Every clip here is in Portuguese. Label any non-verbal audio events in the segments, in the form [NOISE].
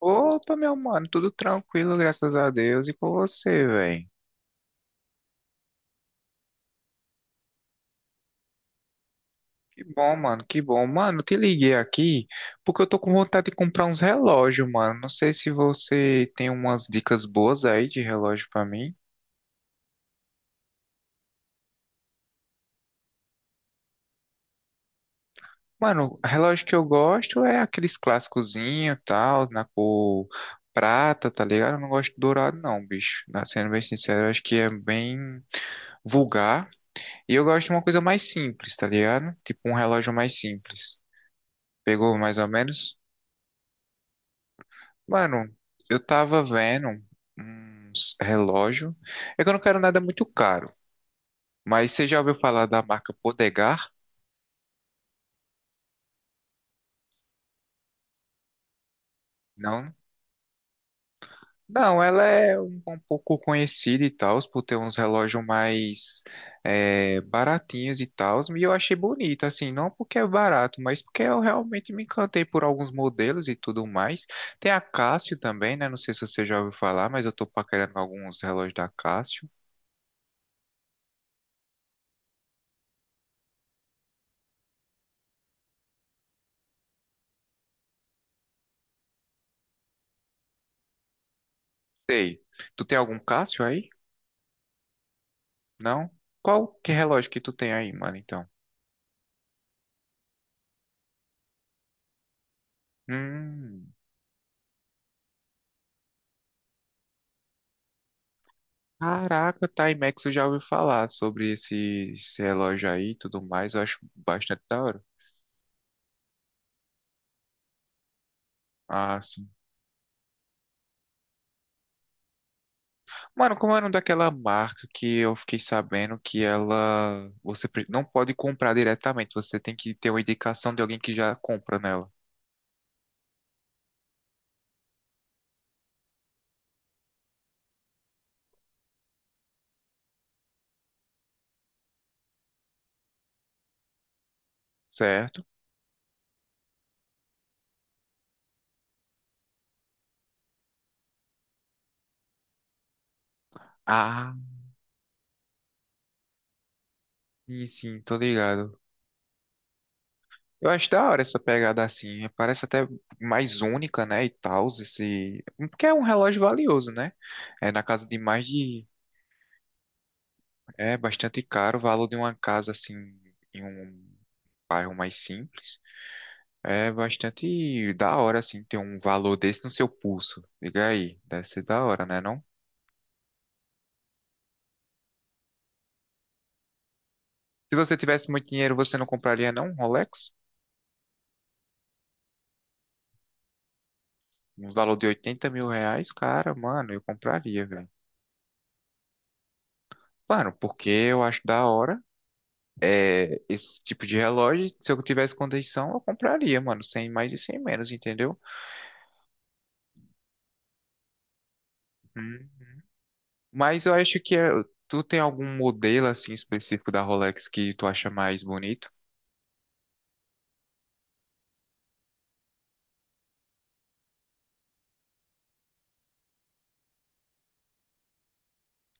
Opa, meu mano, tudo tranquilo, graças a Deus. E com você, velho? Que bom. Mano, eu te liguei aqui porque eu tô com vontade de comprar uns relógios, mano. Não sei se você tem umas dicas boas aí de relógio pra mim. Mano, relógio que eu gosto é aqueles clássicozinho, tal, na cor prata, tá ligado? Eu não gosto de dourado, não, bicho. Sendo bem sincero, eu acho que é bem vulgar. E eu gosto de uma coisa mais simples, tá ligado? Tipo um relógio mais simples. Pegou mais ou menos? Mano, eu tava vendo uns relógio. É que eu não quero nada muito caro. Mas você já ouviu falar da marca Podegar? Não? Não, ela é um pouco conhecida e tal, por ter uns relógios mais baratinhos e tal. E eu achei bonita, assim, não porque é barato, mas porque eu realmente me encantei por alguns modelos e tudo mais. Tem a Casio também, né? Não sei se você já ouviu falar, mas eu tô paquerando alguns relógios da Casio. Sei. Tu tem algum Cássio aí? Não? Qual que relógio que tu tem aí, mano, então? Hum. Caraca, Timex, eu já ouvi falar sobre esse relógio aí e tudo mais. Eu acho bastante da hora. Ah, sim. Mano, como é o nome daquela marca que eu fiquei sabendo que ela... não pode comprar diretamente. Você tem que ter uma indicação de alguém que já compra nela, certo? Ah, sim, sim, tô ligado. Eu acho da hora essa pegada assim, parece até mais única, né, e tal, esse... Porque é um relógio valioso, né? É na casa de mais de... É bastante caro o valor de uma casa, assim, em um bairro mais simples. É bastante da hora, assim, ter um valor desse no seu pulso. Diga aí, deve ser da hora, né, não? Se você tivesse muito dinheiro, você não compraria, não, um Rolex? Um valor de R$ 80.000? Cara, mano, eu compraria, velho. Mano, porque eu acho da hora esse tipo de relógio, se eu tivesse condição, eu compraria, mano, sem mais e sem menos, entendeu? Hum. Mas eu acho que é, tu tem algum modelo assim específico da Rolex que tu acha mais bonito?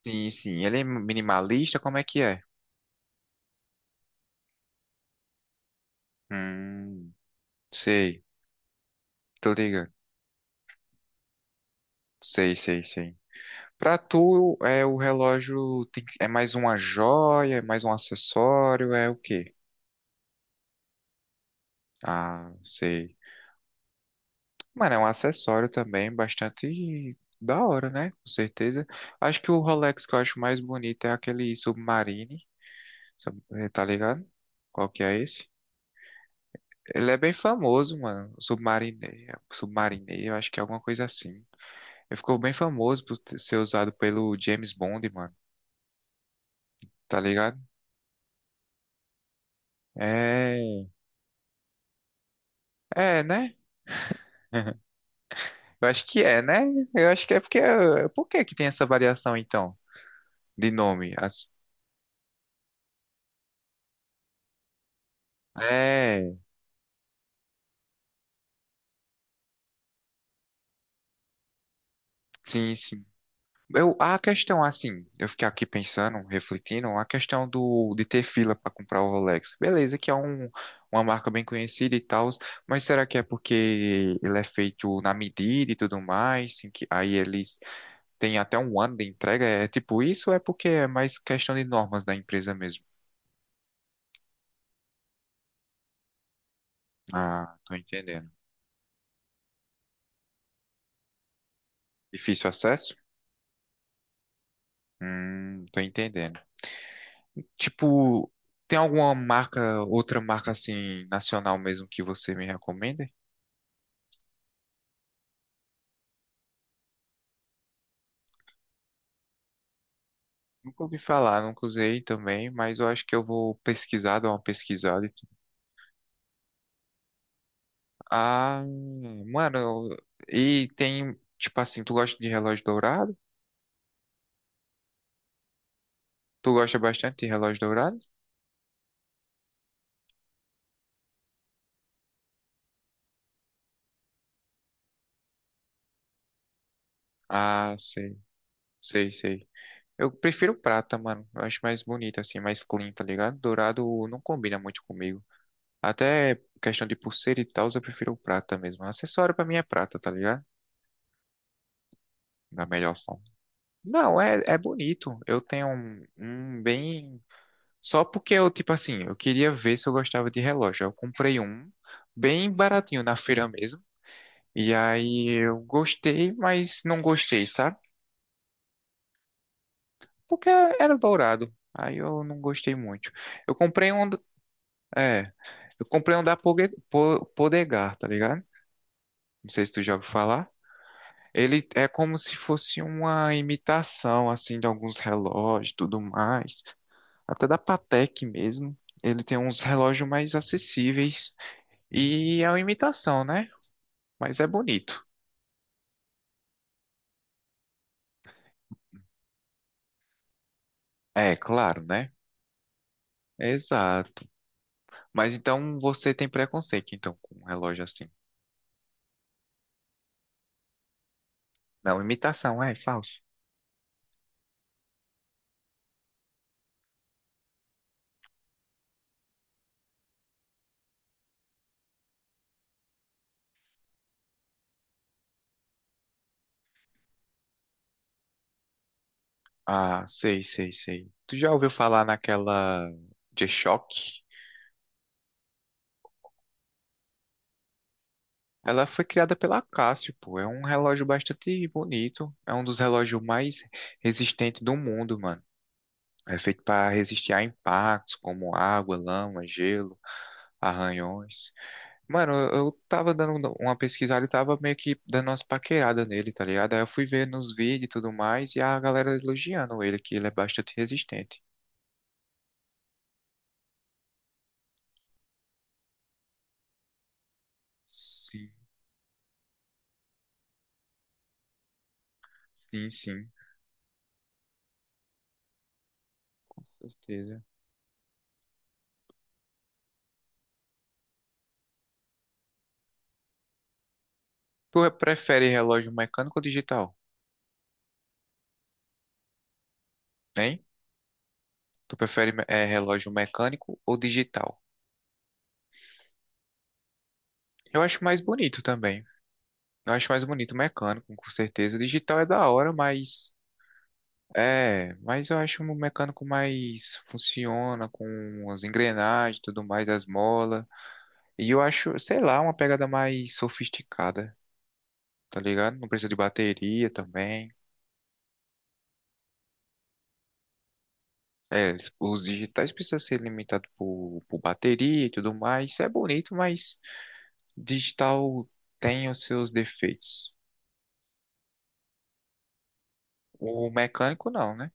Sim, sim, ele é minimalista, como é que é? Hum, sei, tô ligado. Sei, sei, sei. Pra tu, é o relógio tem que- é mais uma joia, é mais um acessório, é o quê? Ah, sei. Mano, é um acessório também bastante da hora, né? Com certeza. Acho que o Rolex que eu acho mais bonito é aquele Submarine, tá ligado? Qual que é esse? Ele é bem famoso, mano. Submarine, Submarine, eu acho que é alguma coisa assim. Ele ficou bem famoso ser usado pelo James Bond, mano. Tá ligado? É, é, né? [LAUGHS] Eu acho que é, né? Eu acho que é porque. Por que que tem essa variação, então, de nome? As- É, sim, sim. Eu, a questão, assim, eu fiquei aqui pensando, refletindo, a questão de ter fila para comprar o Rolex. Beleza, que é um, uma marca bem conhecida e tal, mas será que é porque ele é feito na medida e tudo mais, assim, que aí eles têm até um ano de entrega? É tipo isso ou é porque é mais questão de normas da empresa mesmo? Ah, tô entendendo. Difícil acesso? Tô entendendo. Tipo, tem alguma marca, outra marca, assim, nacional mesmo que você me recomenda? Nunca ouvi falar, nunca usei também, mas eu acho que eu vou pesquisar, dar uma pesquisada. E tudo. Ah, mano, e tem, tipo assim, tu gosta de relógio dourado? Tu gosta bastante de relógio dourado? Ah, sei, sei, sei. Eu prefiro prata, mano. Eu acho mais bonito, assim, mais clean, tá ligado? Dourado não combina muito comigo. Até questão de pulseira e tal, eu prefiro prata mesmo. Acessório pra mim é prata, tá ligado? Da melhor forma. Não, é, é bonito. Eu tenho um bem. Só porque eu, tipo assim, eu queria ver se eu gostava de relógio. Eu comprei um bem baratinho na feira mesmo. E aí eu gostei, mas não gostei, sabe? Porque era dourado. Aí eu não gostei muito. Eu comprei um, do- é, eu comprei um da Podegar, tá ligado? Não sei se tu já ouviu falar. Ele é como se fosse uma imitação, assim, de alguns relógios, e tudo mais. Até da Patek mesmo. Ele tem uns relógios mais acessíveis. E é uma imitação, né? Mas é bonito. É, claro, né? Exato. Mas então você tem preconceito, então, com um relógio assim. Não, imitação, é falso. Ah, sei, sei, sei. Tu já ouviu falar naquela G-Shock? Ela foi criada pela Casio, pô. É um relógio bastante bonito. É um dos relógios mais resistentes do mundo, mano. É feito para resistir a impactos como água, lama, gelo, arranhões. Mano, eu tava dando uma pesquisada e tava meio que dando umas paqueradas nele, tá ligado? Aí eu fui ver nos vídeos e tudo mais, e a galera elogiando ele, que ele é bastante resistente. Sim, sim, sim, com certeza. Tu prefere relógio mecânico ou digital? Hein? Tu prefere relógio mecânico ou digital? Eu acho mais bonito também. Eu acho mais bonito mecânico, com certeza. Digital é da hora, mas é, mas eu acho um mecânico mais funciona com as engrenagens, e tudo mais, as molas. E eu acho, sei lá, uma pegada mais sofisticada, tá ligado? Não precisa de bateria também. É, os digitais precisam ser limitados por bateria e tudo mais. Isso é bonito, mas digital tem os seus defeitos. O mecânico não, né?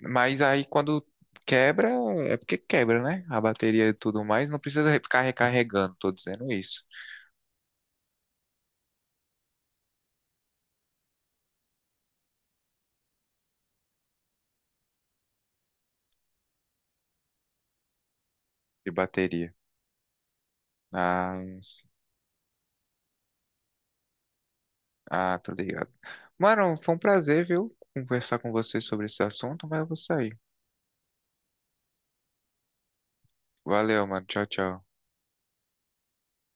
Mas aí quando quebra, é porque quebra, né? A bateria e tudo mais, não precisa ficar recarregando, tô dizendo isso. De bateria. Ah, sim. Ah, tô ligado. Mano, foi um prazer, viu? Conversar com você sobre esse assunto, mas eu vou sair. Valeu, mano. Tchau, tchau.